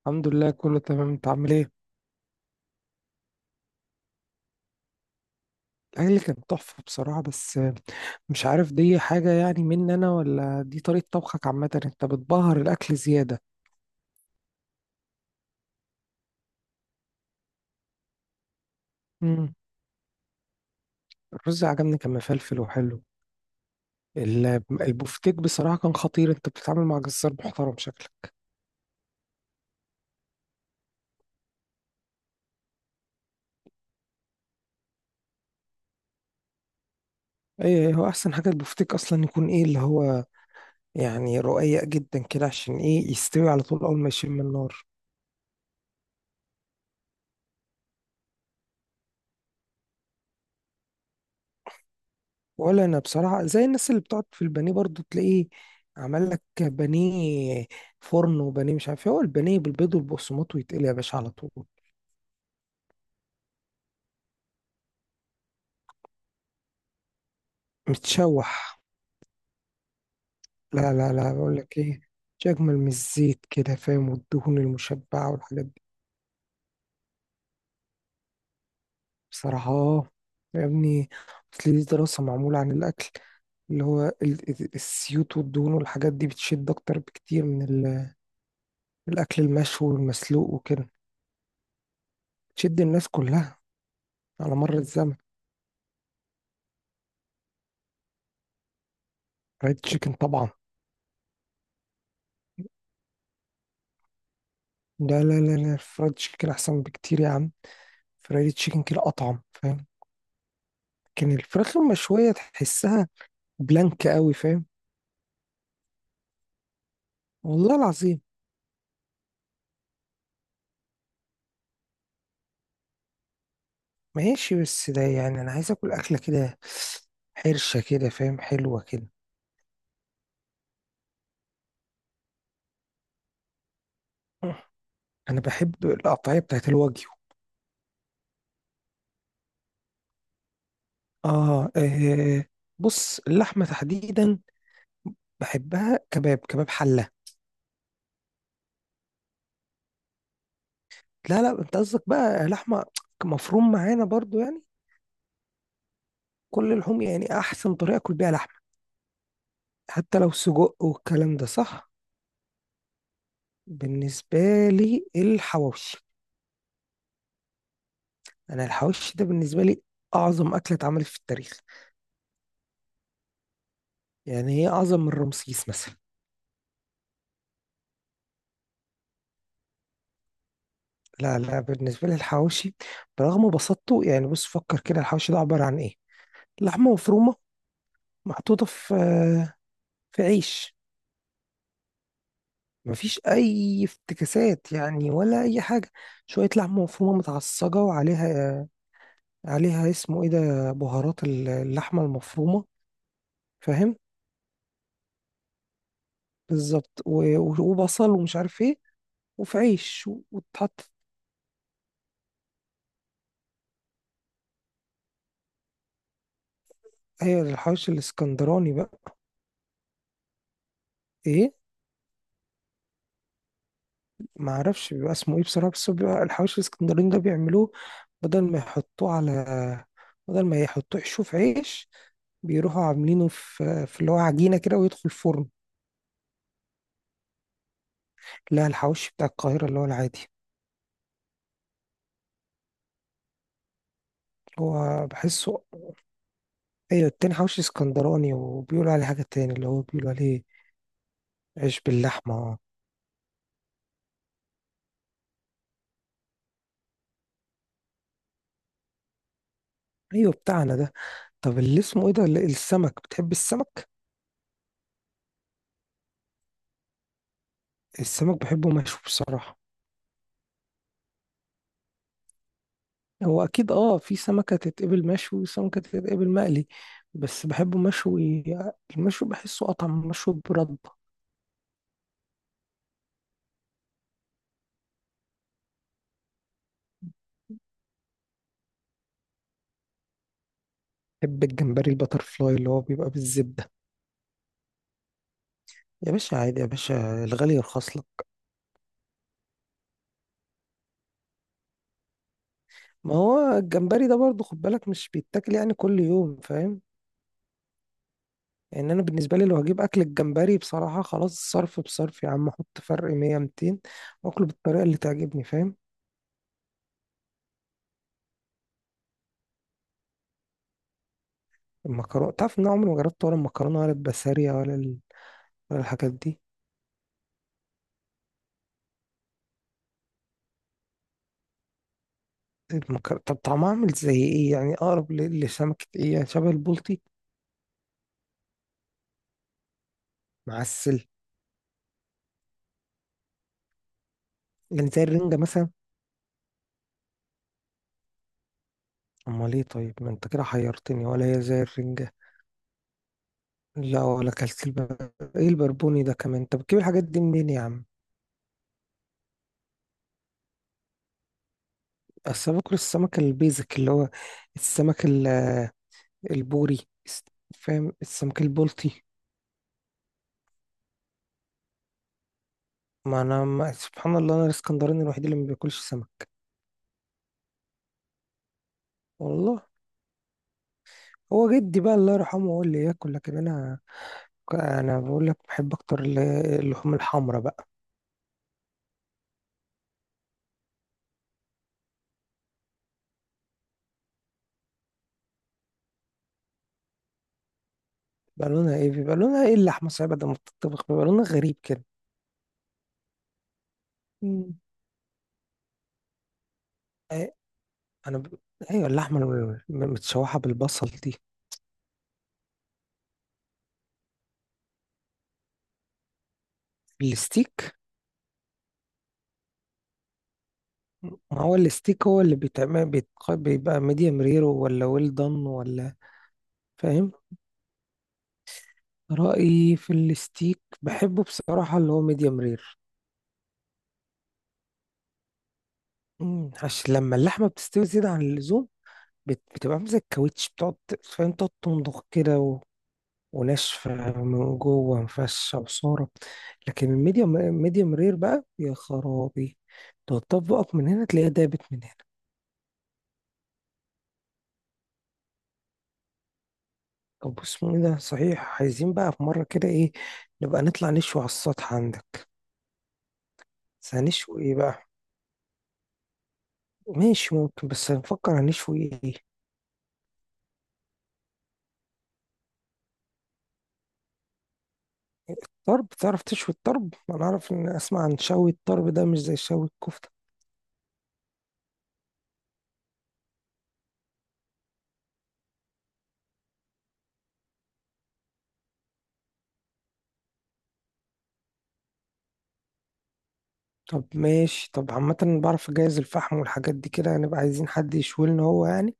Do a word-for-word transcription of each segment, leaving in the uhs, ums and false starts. الحمد لله، كله تمام. انت عامل ايه؟ الاكل كان تحفه بصراحه، بس مش عارف، دي حاجه يعني مني انا ولا دي طريقه طبخك عامه؟ انت بتبهر الاكل زياده. امم الرز عجبني، كان مفلفل وحلو. ال- البفتيك بصراحه كان خطير، انت بتتعامل مع جزار محترم شكلك. ايه إيه، هو احسن حاجه البفتيك اصلا يكون ايه اللي هو، يعني رقيق جدا كده، عشان ايه يستوي على طول اول ما يشم النار. ولا انا بصراحه، زي الناس اللي بتقعد في البانيه برضو، تلاقيه عمل لك بانيه فرن، وبانيه مش عارف إيه. هو البانيه بالبيض والبقسماط ويتقلي يا باشا على طول. متشوح. لا لا لا، بقول لك ايه، مش اجمل من الزيت كده فاهم، والدهون المشبعه والحاجات دي. بصراحه آه، يا ابني، اصل دي دراسه معموله عن الاكل، اللي هو ال- ال- الزيوت والدهون والحاجات دي بتشد اكتر بكتير من ال- من الاكل المشوي والمسلوق وكده. بتشد الناس كلها على مر الزمن. ريد تشيكن طبعا. لا لا لا لا، الفرايد تشيكن احسن بكتير يا عم. فرايد تشيكن كده اطعم فاهم. كان الفراخ المشويه تحسها بلانك قوي فاهم. والله العظيم. ماشي، بس ده يعني انا عايز اكل اكله كده حرشه كده فاهم، حلوه كده. انا بحب القطعيه بتاعت الواجيو. آه، اه. بص اللحمه تحديدا بحبها كباب كباب حله. لا لا، انت قصدك بقى لحمه مفروم معانا برضو يعني. كل اللحوم يعني احسن طريقه اكل بيها لحمه، حتى لو سجق والكلام ده صح. بالنسبة لي الحواوشي. أنا الحواوشي ده بالنسبة لي أعظم أكلة اتعملت في التاريخ. يعني هي أعظم من رمسيس مثلا. لا لا، بالنسبة لي الحواوشي برغم بساطته، يعني بص فكر كده، الحواوشي ده عبارة عن إيه؟ لحمة مفرومة محطوطة في في عيش. مفيش أي افتكاسات يعني ولا أي حاجة. شوية لحمة مفرومة متعصجة وعليها عليها اسمه إيه ده، بهارات اللحمة المفرومة فاهم. بالظبط و- و- وبصل ومش عارف ايه، وفي عيش و- وتحط. هي الحواوشي الاسكندراني بقى. ايه، ما اعرفش بيبقى اسمه ايه بصراحه، بس هو بيبقى الحواوشي الاسكندراني ده، بيعملوه بدل ما يحطوه على بدل ما يحطوه يحشوه في عيش، بيروحوا عاملينه في في اللي هو عجينه كده، ويدخل فرن. لا، الحواوشي بتاع القاهره اللي هو العادي. هو بحسه. ايوه، التاني حواوشي اسكندراني، وبيقولوا عليه حاجه تاني، اللي هو بيقولوا عليه عيش باللحمه. ايوه بتاعنا ده. طب اللي اسمه ايه ده اللي- السمك، بتحب السمك؟ السمك بحبه مشوي بصراحة. هو أكيد أه في سمكة تتقبل مشوي وسمكة تتقبل مقلي، بس بحبه مشوي. المشوي بحسه أطعم مشوي برده. بحب الجمبري البتر فلاي اللي هو بيبقى بالزبدة. يا باشا عادي يا باشا، الغالي يرخص لك. ما هو الجمبري ده برضه خد بالك، مش بيتاكل يعني كل يوم فاهم. يعني أنا بالنسبة لي لو هجيب أكل الجمبري بصراحة، خلاص صرف بصرف يا عم، أحط فرق مية ميتين وأكله بالطريقة اللي تعجبني فاهم. المكرونة، تعرف إن أنا عمري ما جربت ولا المكرونة ولا البسارية ولا الحاجات دي. المكر... طب طعمها عامل زي ايه يعني، اقرب ل- لسمكة ايه يعني، شبه البلطي؟ معسل، يعني زي الرنجة مثلا؟ امال ايه طيب، ما انت كده حيرتني، ولا هي زي الرنجة؟ لا، ولا اكلت الب... ايه البربوني ده كمان. طب بتجيب الحاجات دي منين يا عم؟ اصل أنا باكل السمك البيزك، اللي هو السمك ال- البوري، الس- فاهم، السمك البلطي. ما انا ما... سبحان الله، انا الاسكندراني الوحيد اللي ما بياكلش سمك. والله، هو جدي بقى الله يرحمه هو اللي ياكل، لكن انا انا بقول لك بحب اكتر ال- اللحوم الحمراء بقى. بقى لونها ايه بيبقى لونها ايه؟ اللحمه صحيح بعد ما بتطبخ بيبقى لونها غريب كده. مم. إيه، انا ب... ايوه، اللحمه الم- متشوحه بالبصل دي. الستيك، ما هو الستيك هو اللي بيتعمل بيتق- بيبقى ميديم رير ولا ويل دان ولا، فاهم؟ رأيي في الستيك بحبه بصراحه اللي هو ميديم رير، عشان لما اللحمه بتستوي زياده عن اللزوم، بت- بتبقى عامله زي الكاوتش، بتقعد فاهم، تقعد تمضغ كده، وناشفة من جوه، مفشة وصارة. لكن الميديوم ميديوم رير بقى يا خرابي، تقعد تطبقك من هنا تلاقيها دابت من هنا. طب اسمه ايه ده صحيح، عايزين بقى في مرة كده ايه، نبقى نطلع نشوي على السطح عندك. بس هنشوي ايه بقى؟ ماشي ممكن، بس هنفكر هنشوي ايه. طرب، تعرف تشوي الطرب؟ انا اعرف ان اسمع عن شوي الطرب ده مش زي شوي الكفتة. طب ماشي، طب عامة بعرف اجهز الفحم والحاجات دي كده، هنبقى عايزين حد يشوي لنا هو يعني.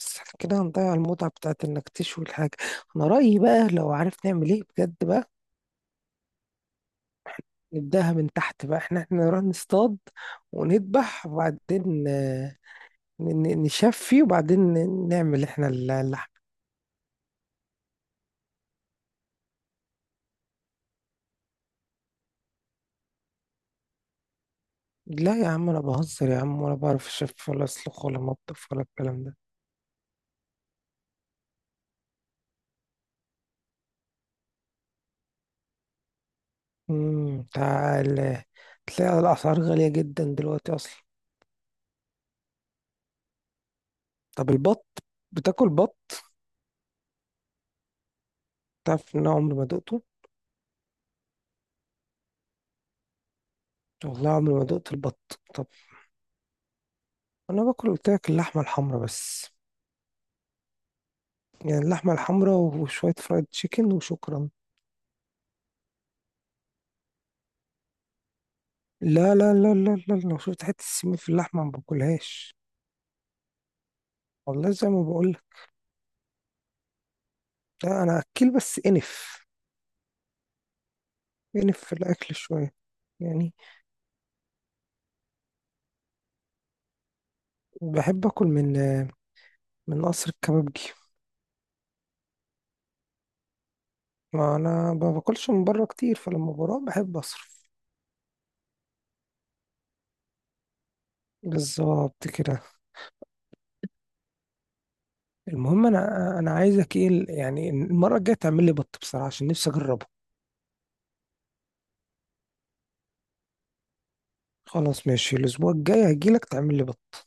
بس احنا كده هنضيع المتعة بتاعت انك تشوي الحاجة. انا رأيي بقى، لو عارف نعمل ايه بجد بقى، نبدأها من تحت بقى، احنا احنا نروح نصطاد ونذبح، وبعدين آه، ن- ن- نشفي، وبعدين ن- نعمل احنا ال- اللحم. لا يا عم، انا بهزر يا عم، ولا بعرف اشف ولا اسلخ ولا مطبخ ولا الكلام ده. امم تعال تلاقي الاسعار غالية جدا دلوقتي اصلا. طب البط، بتاكل بط؟ تعرف ان انا عمري ما دقته. والله عمري ما دقت البط. طب انا باكل قلت لك اللحمه الحمراء بس، يعني اللحمه الحمراء وشويه فرايد تشيكن وشكرا. لا لا لا لا لا، لو شفت حته السمين في اللحمه ما باكلهاش. والله زي ما بقول لك. لا انا اكل، بس انف انف في الاكل شويه. يعني بحب اكل من من قصر الكبابجي. ما انا ما باكلش من بره كتير، فلما بروح بحب اصرف. بالظبط كده. المهم انا انا عايزك ايه، يعني المره الجايه تعمل لي بط بصراحه، عشان نفسي اجربه. خلاص ماشي، الاسبوع الجاي هجيلك تعمل لي بط.